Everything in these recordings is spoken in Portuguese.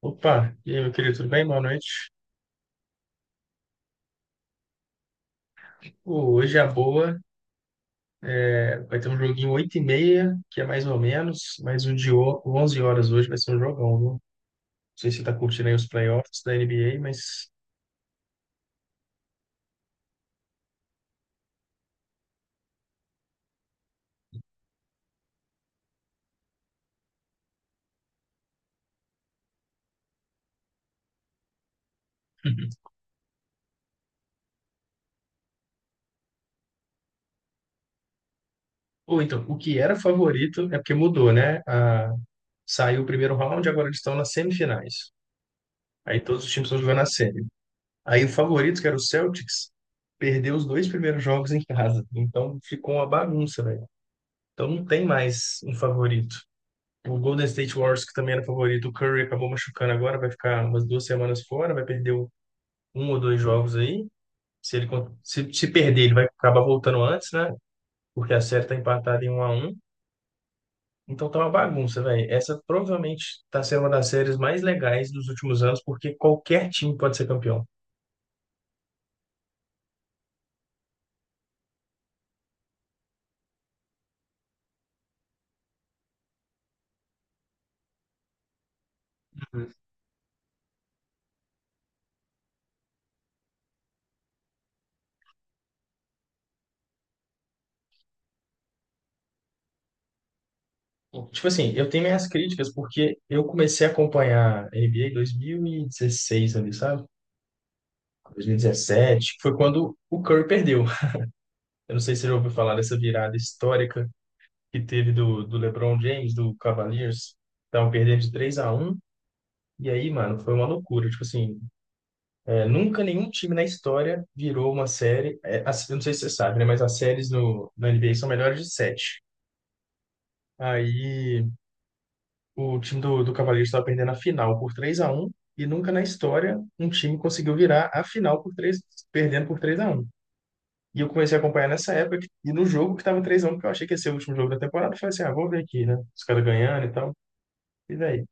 Opa, e aí, meu querido, tudo bem? Boa noite. Pô, hoje é a boa vai ter um joguinho oito e meia, que é mais ou menos, mas 11 horas hoje vai ser um jogão, viu? Não sei se você tá curtindo aí os playoffs da NBA, mas... Ou então, o que era favorito é porque mudou, né? A... Saiu o primeiro round, agora eles estão nas semifinais. Aí todos os times estão jogando a série. Aí o favorito, que era o Celtics, perdeu os dois primeiros jogos em casa. Então ficou uma bagunça, velho. Então não tem mais um favorito. O Golden State Warriors, que também era favorito, o Curry acabou machucando agora, vai ficar umas duas semanas fora, vai perder um ou dois jogos aí. Se perder, ele vai acabar voltando antes, né? Porque a série tá empatada em um a um. Então tá uma bagunça, velho. Essa provavelmente tá sendo uma das séries mais legais dos últimos anos, porque qualquer time pode ser campeão. Uhum. Tipo assim, eu tenho minhas críticas porque eu comecei a acompanhar N B a NBA em 2016 ali, sabe? 2017, que foi quando o Curry perdeu. Eu não sei se você já ouviu falar dessa virada histórica que teve do LeBron James, do Cavaliers. Estavam perdendo de 3 a um. E aí, mano, foi uma loucura. Tipo assim, nunca nenhum time na história virou uma série. É, eu não sei se você sabe, né? Mas as séries no, na NBA são melhores de 7. Aí o time do Cavaliers estava perdendo a final por 3 a um. E nunca na história um time conseguiu virar a final por três, perdendo por 3 a um. E eu comecei a acompanhar nessa época, e no jogo que tava 3x1, porque eu achei que ia ser o último jogo da temporada, eu falei assim, ah, vou ver aqui, né? Os caras ganhando e tal. E daí,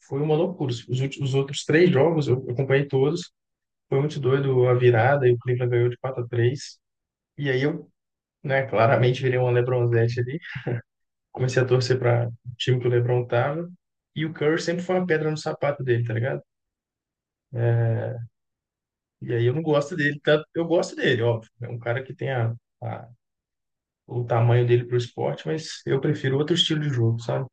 foi uma loucura. Os últimos, os outros três jogos, eu acompanhei todos, foi muito doido a virada, e o Cleveland ganhou de quatro a três. E aí eu, né, claramente virei uma LeBronzete ali, comecei a torcer para o time que o LeBron tava, e o Curry sempre foi uma pedra no sapato dele, tá ligado? E aí eu não gosto dele, tanto, eu gosto dele, óbvio, é um cara que tem a, a- o tamanho dele pro esporte, mas eu prefiro outro estilo de jogo, sabe?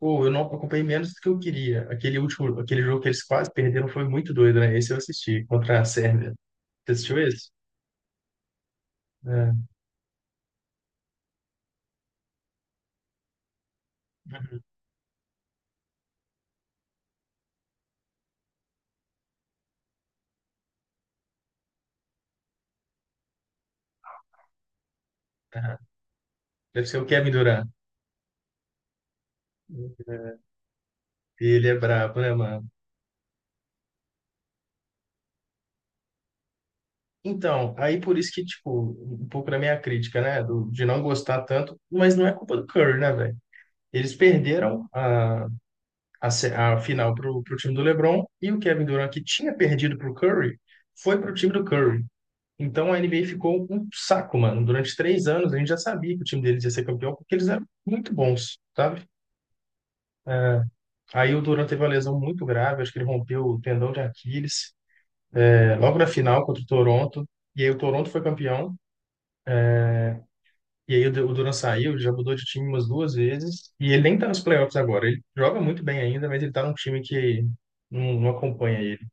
Pô, eu não acompanhei menos do que eu queria. Aquele último, aquele jogo que eles quase perderam foi muito doido, né? Esse eu assisti, contra a Sérvia. Você assistiu esse? É. Tá. Deve ser o Kevin Durant. É. Ele é brabo, né, mano? Então, aí por isso que, tipo, um pouco da minha crítica, né? De não gostar tanto, mas não é culpa do Curry, né, velho? Eles perderam a, a final pro time do LeBron e o Kevin Durant, que tinha perdido pro Curry, foi pro time do Curry. Então a NBA ficou um saco, mano. Durante três anos a gente já sabia que o time deles ia ser campeão porque eles eram muito bons, sabe? Aí o Durant teve uma lesão muito grave, acho que ele rompeu o tendão de Aquiles, é, logo na final contra o Toronto. E aí o Toronto foi campeão. E aí o Durant saiu, ele já mudou de time umas duas vezes. E ele nem tá nos playoffs agora. Ele joga muito bem ainda, mas ele tá num time que não acompanha ele.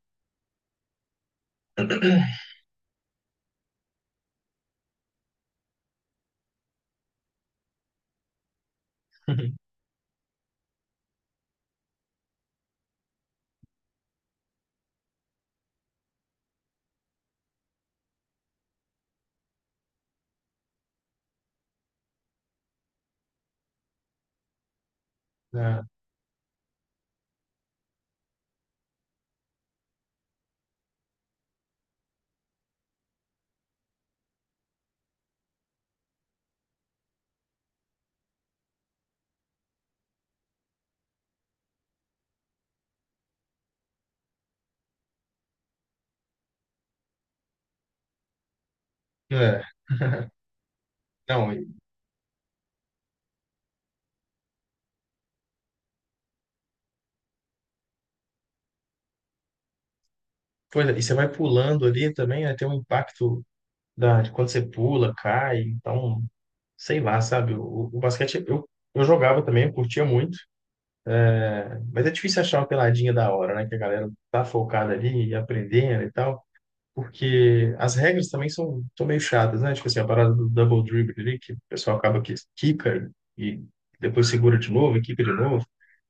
Né? É, não, e- Pois é, e você vai pulando ali também, né, tem um impacto da, de quando você pula, cai, então sei lá, sabe? O basquete eu jogava também, eu curtia muito, né? Mas é difícil achar uma peladinha da hora, né? Que a galera tá focada ali e aprendendo e tal, porque as regras também são meio chatas, né? Tipo assim, a parada do double dribble ali, que o pessoal acaba que quica e depois segura de novo, e quica de novo.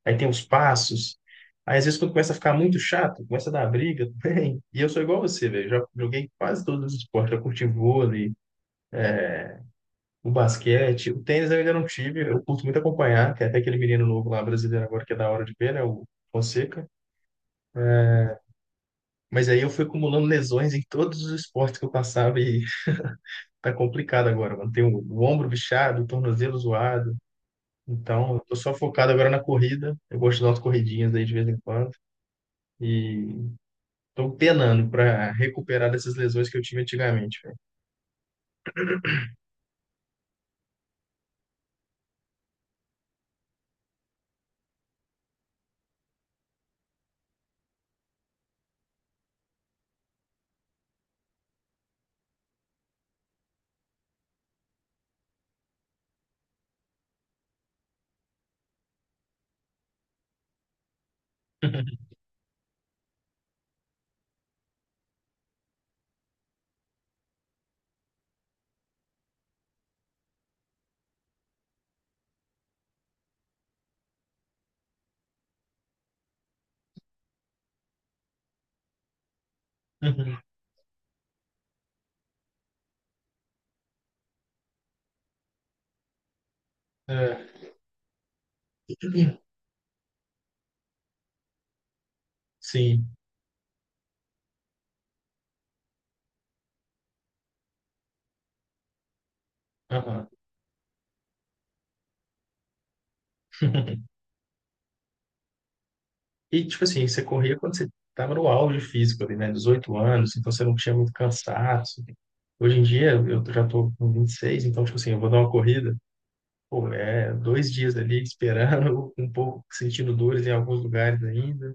Aí tem os passos. Aí, às vezes, quando começa a ficar muito chato, começa a dar briga também. E eu sou igual você, velho. Já joguei quase todos os esportes. Já curti vôlei, o basquete, o tênis eu ainda não tive, eu curto muito acompanhar, tem até aquele menino novo lá brasileiro agora que é da hora de ver, né, o Fonseca. Mas aí eu fui acumulando lesões em todos os esportes que eu passava e tá complicado agora, mano. Tem o ombro bichado, o tornozelo zoado. Então, eu tô só focado agora na corrida. Eu gosto de dar umas corridinhas aí de vez em quando e tô penando para recuperar dessas lesões que eu tive antigamente, velho. É. Sim. Aham. E, tipo assim, você corria quando você estava no auge físico ali, né? 18 anos, então você não tinha muito cansaço. Hoje em dia, eu já tô com vinte e seis, então, tipo assim, eu vou dar uma corrida, pô, é dois dias ali esperando, um pouco sentindo dores em alguns lugares ainda.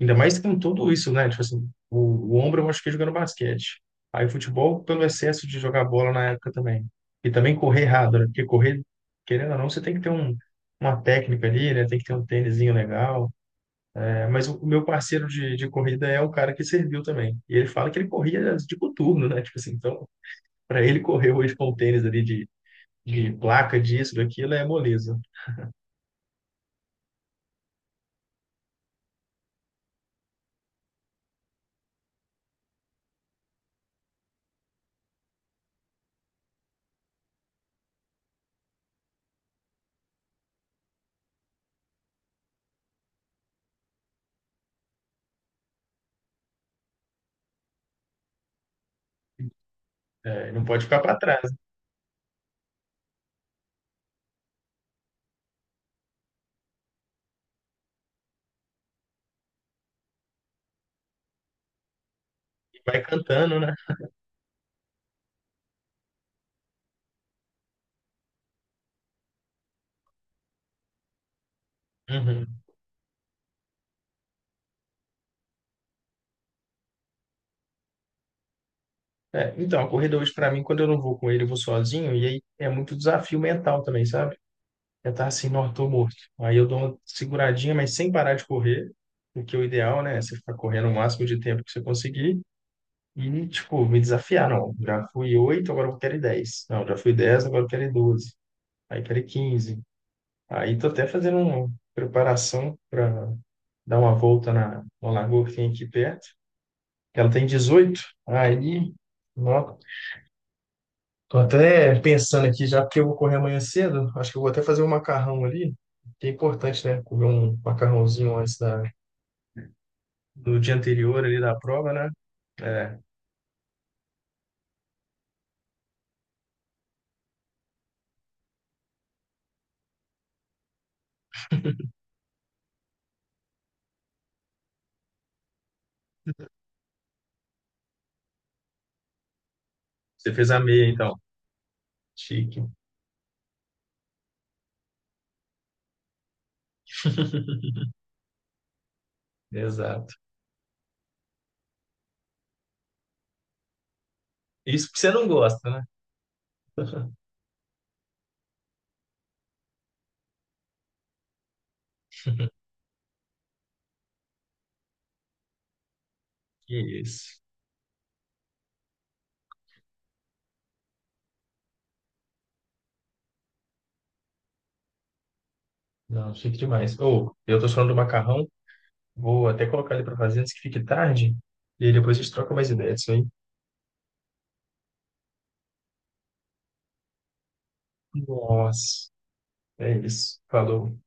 Ainda mais com tudo isso, né? Tipo assim, o ombro eu machuquei jogando basquete. Aí futebol pelo excesso de jogar bola na época também. E também correr errado, né? Porque correr, querendo ou não, você tem que ter um, uma técnica ali, né? Tem que ter um tênisinho legal. Mas o meu parceiro de corrida é o cara que serviu também. E ele fala que ele corria de coturno, né? Tipo assim, então, para ele correr hoje com o tênis ali de placa, disso, daquilo, é moleza. É, não pode ficar para trás. E vai cantando, né? Uhum. É, então, a corrida hoje, para mim, quando eu não vou com ele, eu vou sozinho. E aí é muito desafio mental também, sabe? É estar assim, não, tô morto. Aí eu dou uma seguradinha, mas sem parar de correr, o que é o ideal, né? Você ficar correndo o máximo de tempo que você conseguir. E, tipo, me desafiar, não. Já fui 8 agora eu quero ir 10. Não, já fui 10 agora eu quero ir 12. Aí quero ir 15. Aí tô até fazendo uma preparação para dar uma volta na lagoa que tem aqui perto. Que Ela tem 18. Aí, ó, tô até pensando aqui, já porque eu vou correr amanhã cedo, acho que eu vou até fazer um macarrão ali. Que é importante, né? Comer um macarrãozinho antes do dia anterior ali da prova, né? É, você fez a meia, então. Chique. Exato. Isso porque você não gosta, né? Que isso. Não, chique demais. Ou, eu tô falando do macarrão, vou até colocar ele pra fazer antes que fique tarde, e aí depois a gente troca mais ideias disso aí. Nossa, é isso. Falou.